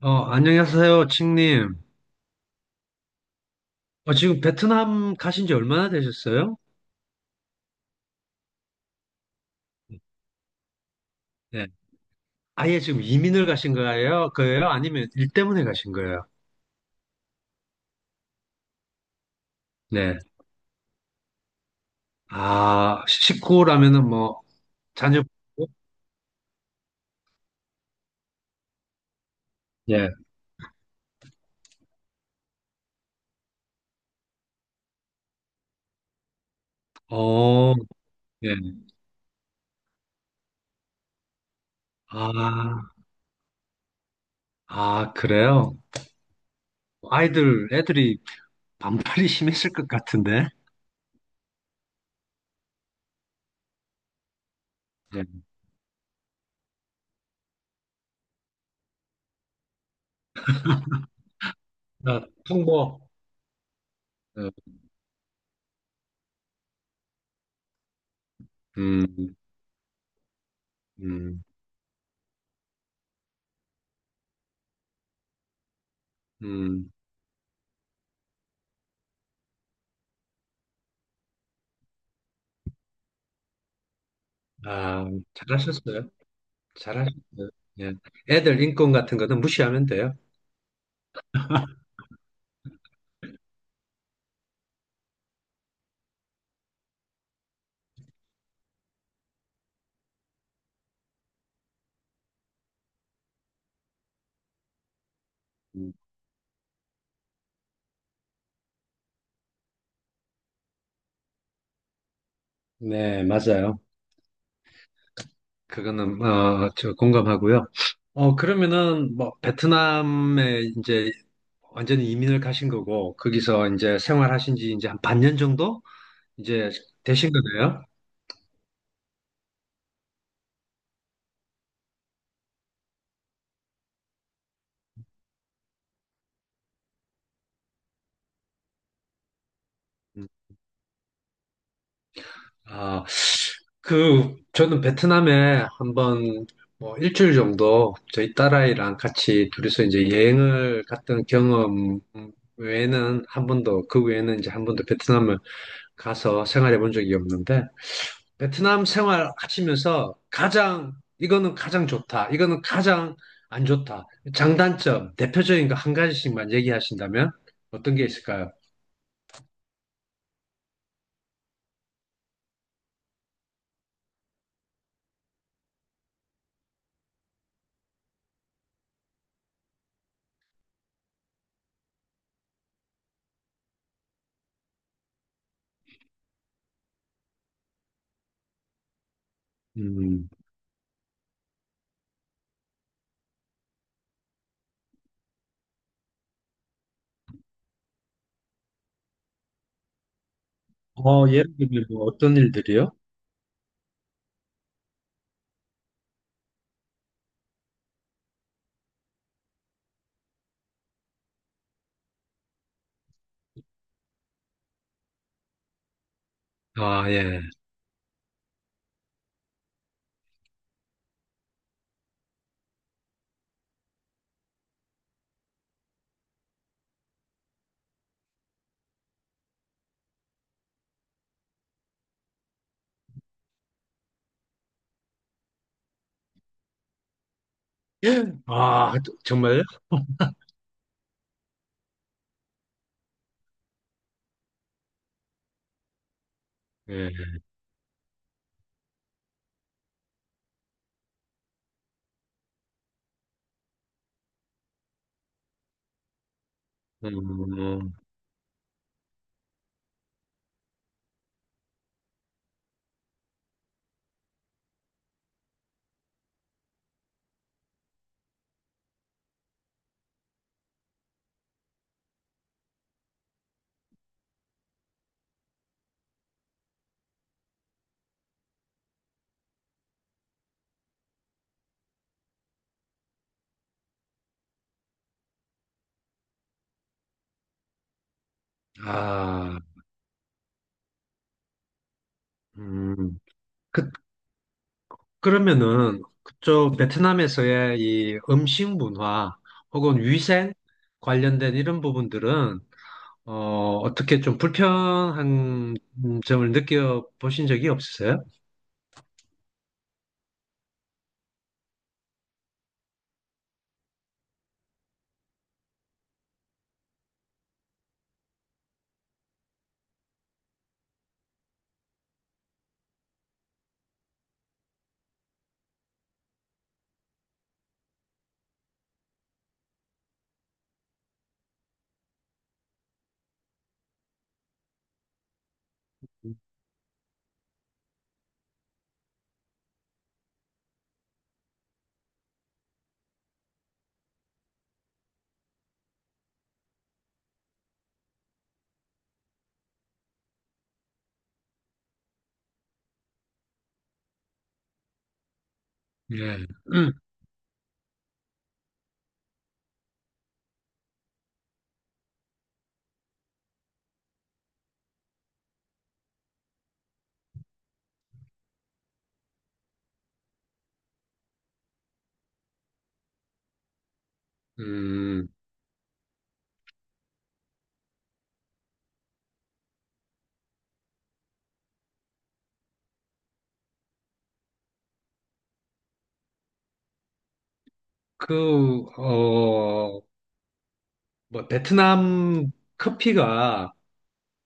안녕하세요, 칭님. 지금 베트남 가신 지 얼마나 되셨어요? 네. 아예 지금 이민을 가신 거예요? 그예요? 아니면 일 때문에 가신 거예요? 네. 아, 식구라면은 뭐, 자녀, 예. 어, 예. 아, 아, 그래요? 아이들, 애들이 반팔이 심했을 것 같은데. 예. 아, 통보. 어, 음, 음, 음. 아, 잘하셨어요. 잘할 수 있어요. 예. 애들 인권 같은 거는 무시하면 돼요. 음. 네, 맞아요. 그거는 저 공감하고요. 그러면은 뭐 베트남에 이제 완전히 이민을 가신 거고 거기서 이제 생활하신 지 이제 한 반년 정도 이제 되신 거네요. 음. 아, 그, 저는 베트남에 한번 뭐 일주일 정도 저희 딸아이랑 같이 둘이서 이제 여행을 갔던 경험 외에는 한 번도, 그 외에는 이제 한 번도 베트남을 가서 생활해 본 적이 없는데, 베트남 생활 하시면서 가장, 이거는 가장 좋다, 이거는 가장 안 좋다, 장단점, 대표적인 거 한 가지씩만 얘기하신다면 어떤 게 있을까요? 음, 예를 들면 뭐 어떤 일들이요? 아, 예. 아, 정말? 예. 음, 아, 음. 그, 그러면은, 그쪽 베트남에서의 이 음식 문화 혹은 위생 관련된 이런 부분들은, 어, 어떻게 좀 불편한 점을 느껴보신 적이 없으세요? 예. 음, 음, 그, 뭐, 베트남 커피가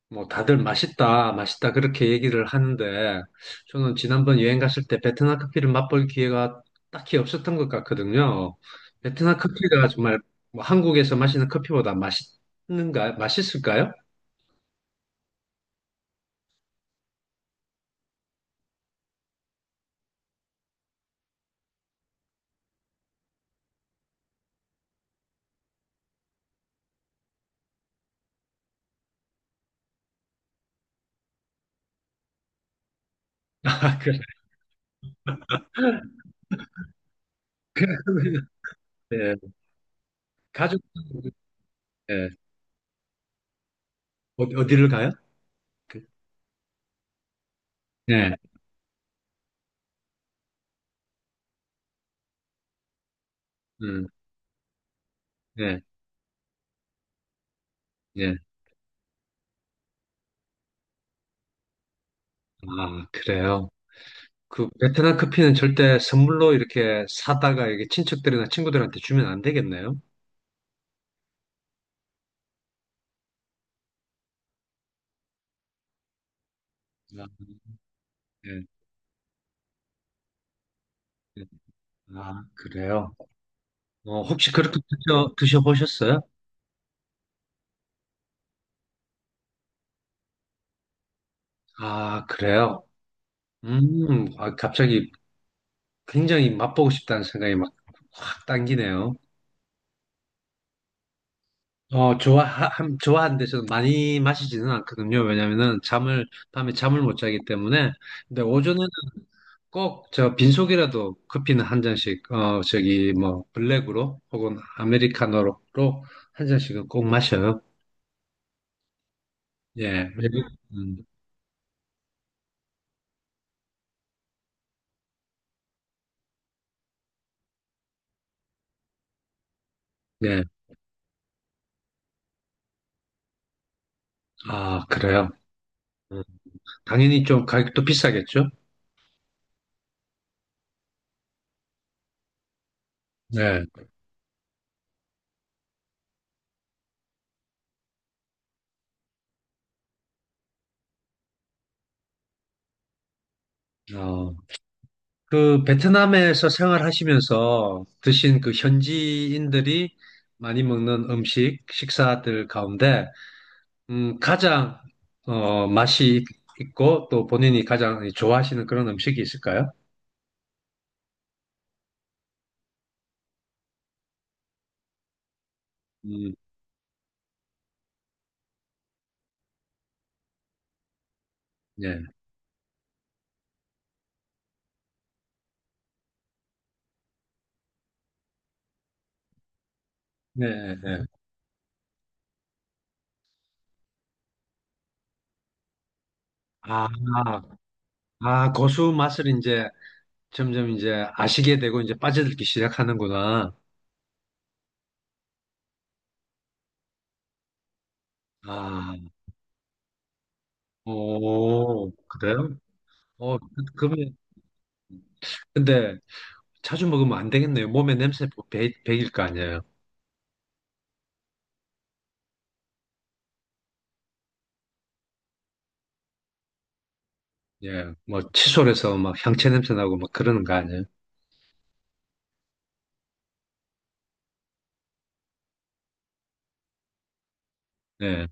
뭐 다들 맛있다, 맛있다 그렇게 얘기를 하는데 저는 지난번 여행 갔을 때 베트남 커피를 맛볼 기회가 딱히 없었던 것 같거든요. 베트남 커피가 정말 뭐 한국에서 마시는 커피보다 맛있는가, 맛있을까요? 아, 그래. 예. 가족, 예. 어디를 가요? 그- 예. 음, 예. 예. 아, 그래요. 그 베트남 커피는 절대 선물로 이렇게 사다가 이게 친척들이나 친구들한테 주면 안 되겠네요. 아, 예. 아, 그래요? 혹시 그렇게 드셔보셨어요? 아, 그래요? 아, 갑자기 굉장히 맛보고 싶다는 생각이 막 확 당기네요. 좋아하는데 저는 많이 마시지는 않거든요. 왜냐면은 밤에 잠을 못 자기 때문에. 근데 오전에는 꼭 저 빈속이라도 커피는 한 잔씩, 저기 뭐 블랙으로 혹은 아메리카노로 한 잔씩은 꼭 마셔요. 예. 음, 예. 아, 그래요? 음. 당연히 좀 가격도 비싸겠죠? 네. 어, 그 베트남에서 생활하시면서 드신 그 현지인들이 많이 먹는 음식, 식사들 가운데 가장 맛이 있고 또 본인이 가장 좋아하시는 그런 음식이 있을까요? 음, 네. 네, 네. 아, 아, 고수 맛을 이제 점점 이제 아시게 되고 이제 빠져들기 시작하는구나. 아, 오, 그래요? 그러면 근데 자주 먹으면 안 되겠네요. 몸에 냄새 뭐 배길 거 아니에요. 예, 뭐 칫솔 에서 막 향채 냄새 나고 막 그러는 거 아니에요. 예.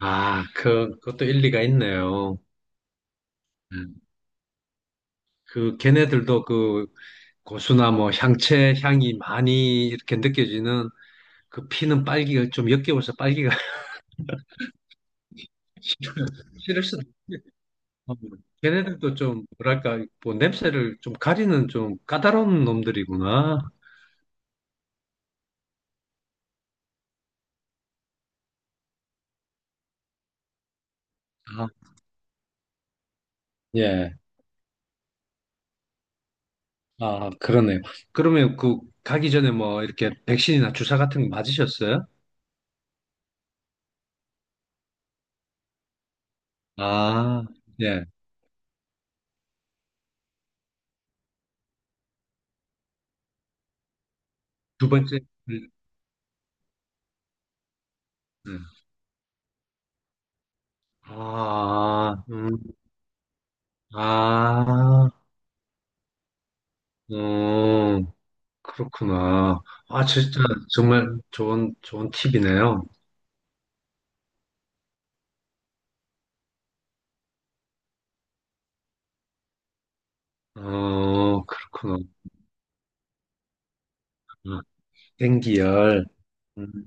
아, 그것도 일리가 있네요. 예. 그 걔네들도 그 고수나 뭐 향채 향이 많이 이렇게 느껴지는 그 피는 빨기가 좀 역겨워서 빨기가 싫을 수도 있고 걔네들도 좀 뭐랄까 뭐 냄새를 좀 가리는 좀 까다로운 놈들이구나. 아, 예. 아, 그러네요. 그러면 그 가기 전에 뭐 이렇게 백신이나 주사 같은 거 맞으셨어요? 아, 예. 두 번째. 음, 음. 아, 아, 음, 그렇구나. 아, 진짜 정말 좋은 좋은 팁이네요. 그렇구나. 아, 땡기열. 음,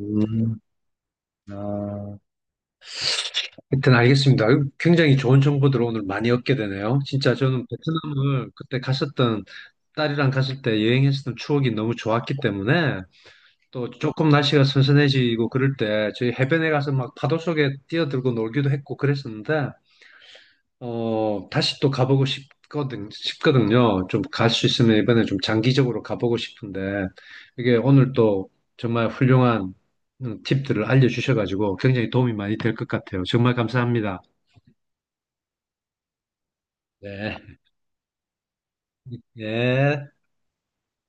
음, 아. 일단 알겠습니다. 아유, 굉장히 좋은 정보들 오늘 많이 얻게 되네요. 진짜 저는 베트남을 그때 갔었던 딸이랑 갔을 때 여행했었던 추억이 너무 좋았기 때문에 또 조금 날씨가 선선해지고 그럴 때 저희 해변에 가서 막 파도 속에 뛰어들고 놀기도 했고 그랬었는데 다시 또 가보고 싶거든요. 좀 갈 수 있으면 이번에 좀 장기적으로 가보고 싶은데 이게 오늘 또 정말 훌륭한 팁들을 알려주셔가지고 굉장히 도움이 많이 될 것 같아요. 정말 감사합니다. 네. 예.